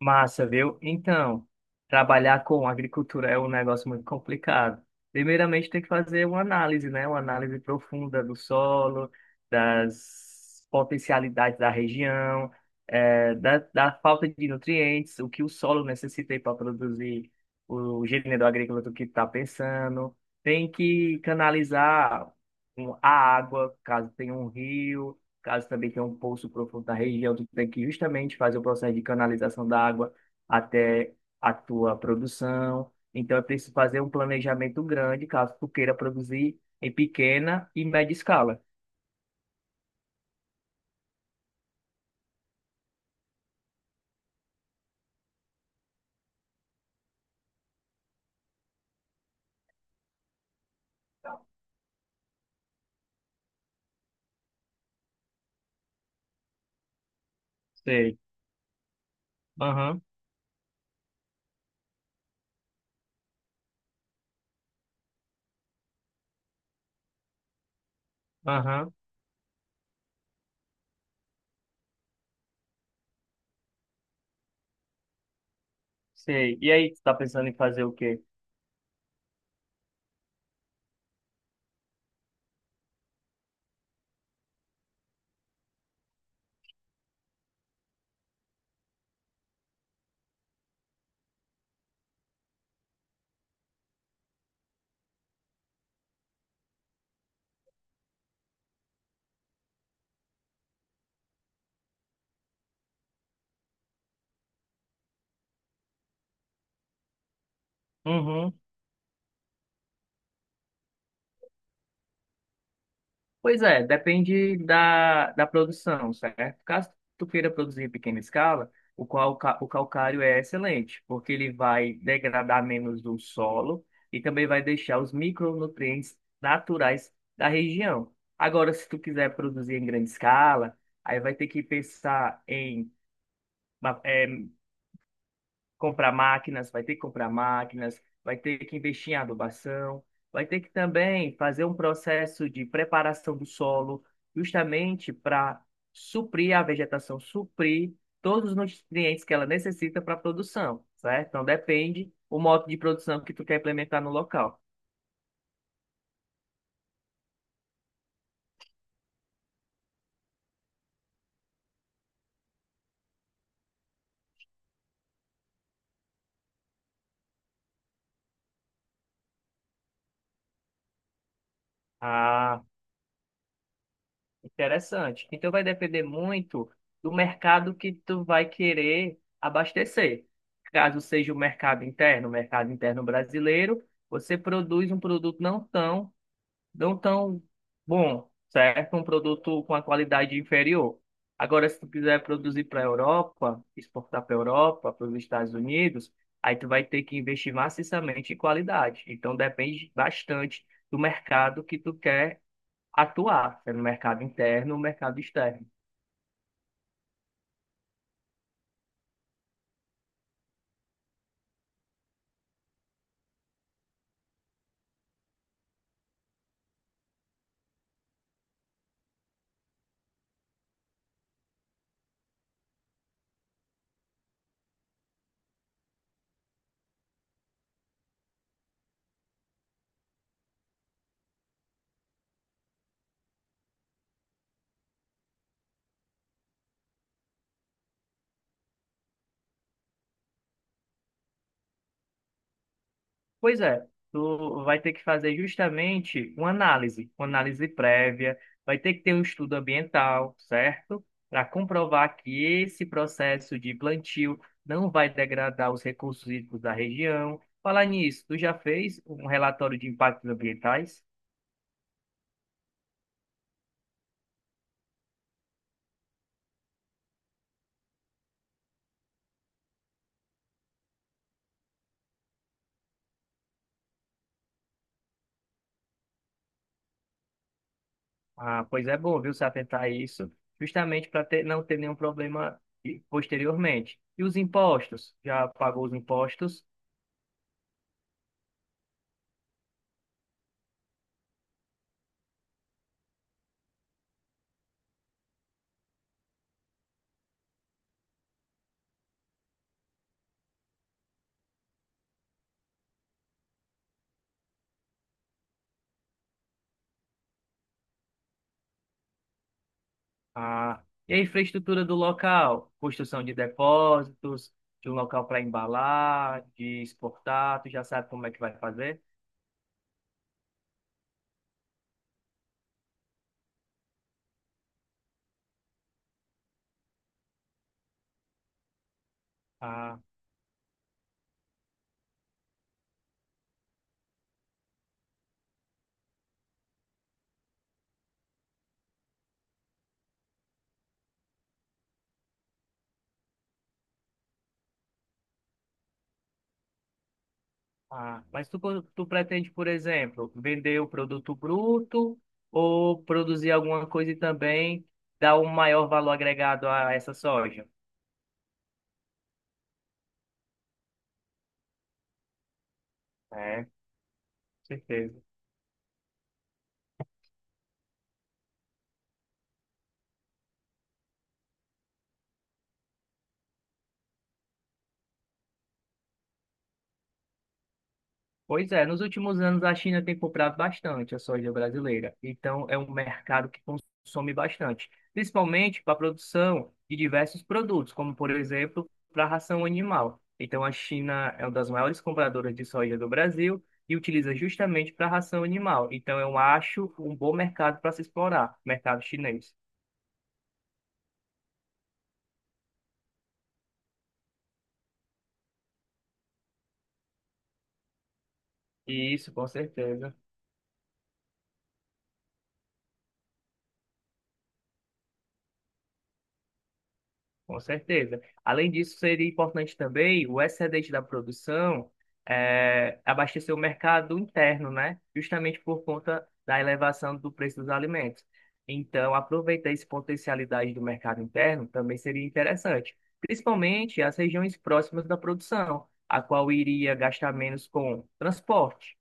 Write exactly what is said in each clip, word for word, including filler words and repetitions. Massa, viu? Então, trabalhar com agricultura é um negócio muito complicado. Primeiramente, tem que fazer uma análise, né? Uma análise profunda do solo, das potencialidades da região, eh, da, da falta de nutrientes, o que o solo necessita para produzir o gênero agrícola do que está pensando. Tem que canalizar um- a água, caso tenha um rio. Caso também tenha um poço profundo na região, tu tem que justamente fazer o processo de canalização da água até a tua produção. Então, é preciso fazer um planejamento grande, caso tu queira produzir em pequena e média escala. Sei. Aham, aham, sei. E aí, tu tá pensando em fazer o quê? Uhum. Pois é, depende da, da produção, certo? Caso tu queira produzir em pequena escala, o, qual, ca- o calcário é excelente, porque ele vai degradar menos o solo e também vai deixar os micronutrientes naturais da região. Agora, se tu quiser produzir em grande escala, aí vai ter que pensar em comprar máquinas, vai ter que comprar máquinas, vai ter que investir em adubação, vai ter que também fazer um processo de preparação do solo, justamente para suprir a vegetação, suprir todos os nutrientes que ela necessita para a produção, certo? Então depende o modo de produção que tu quer implementar no local. Ah, interessante. Então vai depender muito do mercado que tu vai querer abastecer. Caso seja o mercado interno, o mercado interno brasileiro, você produz um produto não tão, não tão bom, certo? Um produto com a qualidade inferior. Agora, se tu quiser produzir para a Europa, exportar para a Europa, para os Estados Unidos, aí tu vai ter que investir maciçamente em qualidade. Então depende bastante do mercado que tu quer atuar, né, no mercado interno, no mercado externo. Pois é, tu vai ter que fazer justamente uma análise, uma análise prévia, vai ter que ter um estudo ambiental, certo? Para comprovar que esse processo de plantio não vai degradar os recursos hídricos da região. Falar nisso, tu já fez um relatório de impactos ambientais? Ah, pois é bom, viu, se atentar a isso, justamente para ter, não ter nenhum problema eh, posteriormente. E os impostos? Já pagou os impostos? Ah, e a infraestrutura do local? Construção de depósitos, de um local para embalar, de exportar, tu já sabe como é que vai fazer? Ah, ah, mas tu, tu pretende, por exemplo, vender o produto bruto ou produzir alguma coisa e também dar um maior valor agregado a essa soja? É, com certeza. Pois é, nos últimos anos a China tem comprado bastante a soja brasileira, então é um mercado que consome bastante, principalmente para a produção de diversos produtos, como por exemplo para a ração animal. Então a China é uma das maiores compradoras de soja do Brasil e utiliza justamente para a ração animal. Então eu acho um bom mercado para se explorar, mercado chinês. Isso, com certeza. Com certeza. Além disso, seria importante também o excedente da produção eh, abastecer o mercado interno, né? Justamente por conta da elevação do preço dos alimentos. Então, aproveitar essa potencialidade do mercado interno também seria interessante, principalmente as regiões próximas da produção, a qual iria gastar menos com transporte.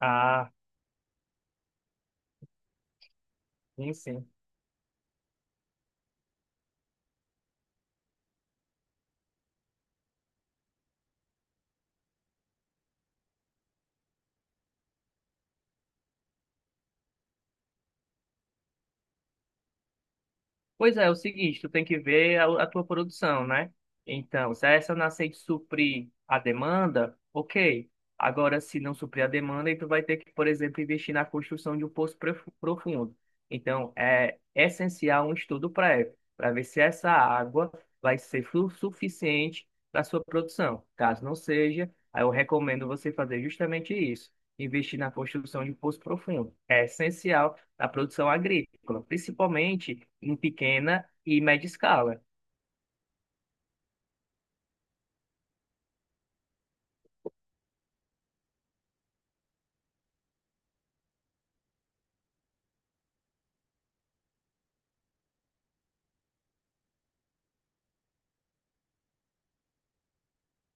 Ah, sim, sim. Pois é, é o seguinte, tu tem que ver a, a tua produção, né? Então, se essa nascer de suprir a demanda, ok. Agora, se não suprir a demanda, aí tu vai ter que, por exemplo, investir na construção de um poço profu- profundo. Então, é essencial um estudo prévio para ver se essa água vai ser flu- suficiente para sua produção. Caso não seja, aí eu recomendo você fazer justamente isso, investir na construção de um poço profundo. É essencial da produção agrícola, principalmente em pequena e média escala.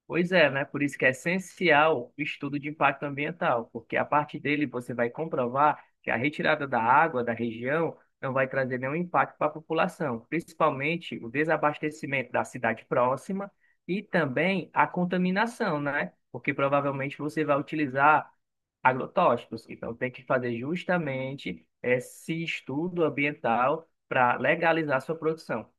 Pois é, né? Por isso que é essencial o estudo de impacto ambiental, porque a partir dele você vai comprovar que a retirada da água da região não vai trazer nenhum impacto para a população, principalmente o desabastecimento da cidade próxima e também a contaminação, né? Porque provavelmente você vai utilizar agrotóxicos. Então, tem que fazer justamente esse estudo ambiental para legalizar sua produção.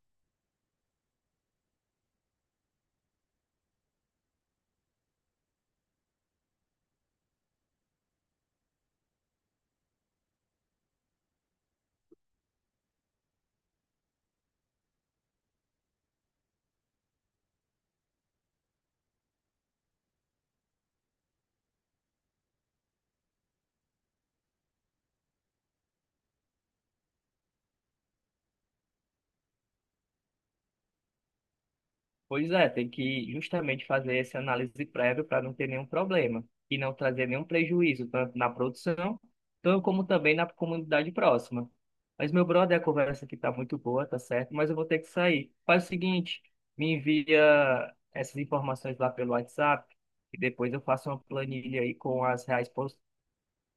Pois é, tem que justamente fazer essa análise prévia para não ter nenhum problema e não trazer nenhum prejuízo, tanto na produção, tanto como também na comunidade próxima. Mas, meu brother, a conversa aqui está muito boa, tá certo? Mas eu vou ter que sair. Faz o seguinte, me envia essas informações lá pelo WhatsApp e depois eu faço uma planilha aí com as reais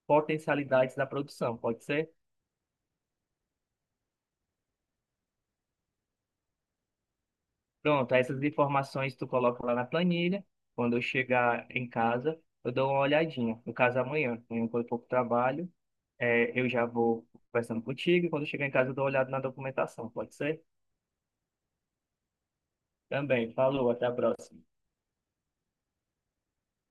potencialidades da produção, pode ser? Pronto, essas informações tu coloca lá na planilha. Quando eu chegar em casa, eu dou uma olhadinha. No caso, amanhã, amanhã quando eu for pro trabalho, é, eu já vou conversando contigo. E quando eu chegar em casa, eu dou uma olhada na documentação, pode ser? Também, falou, até a próxima.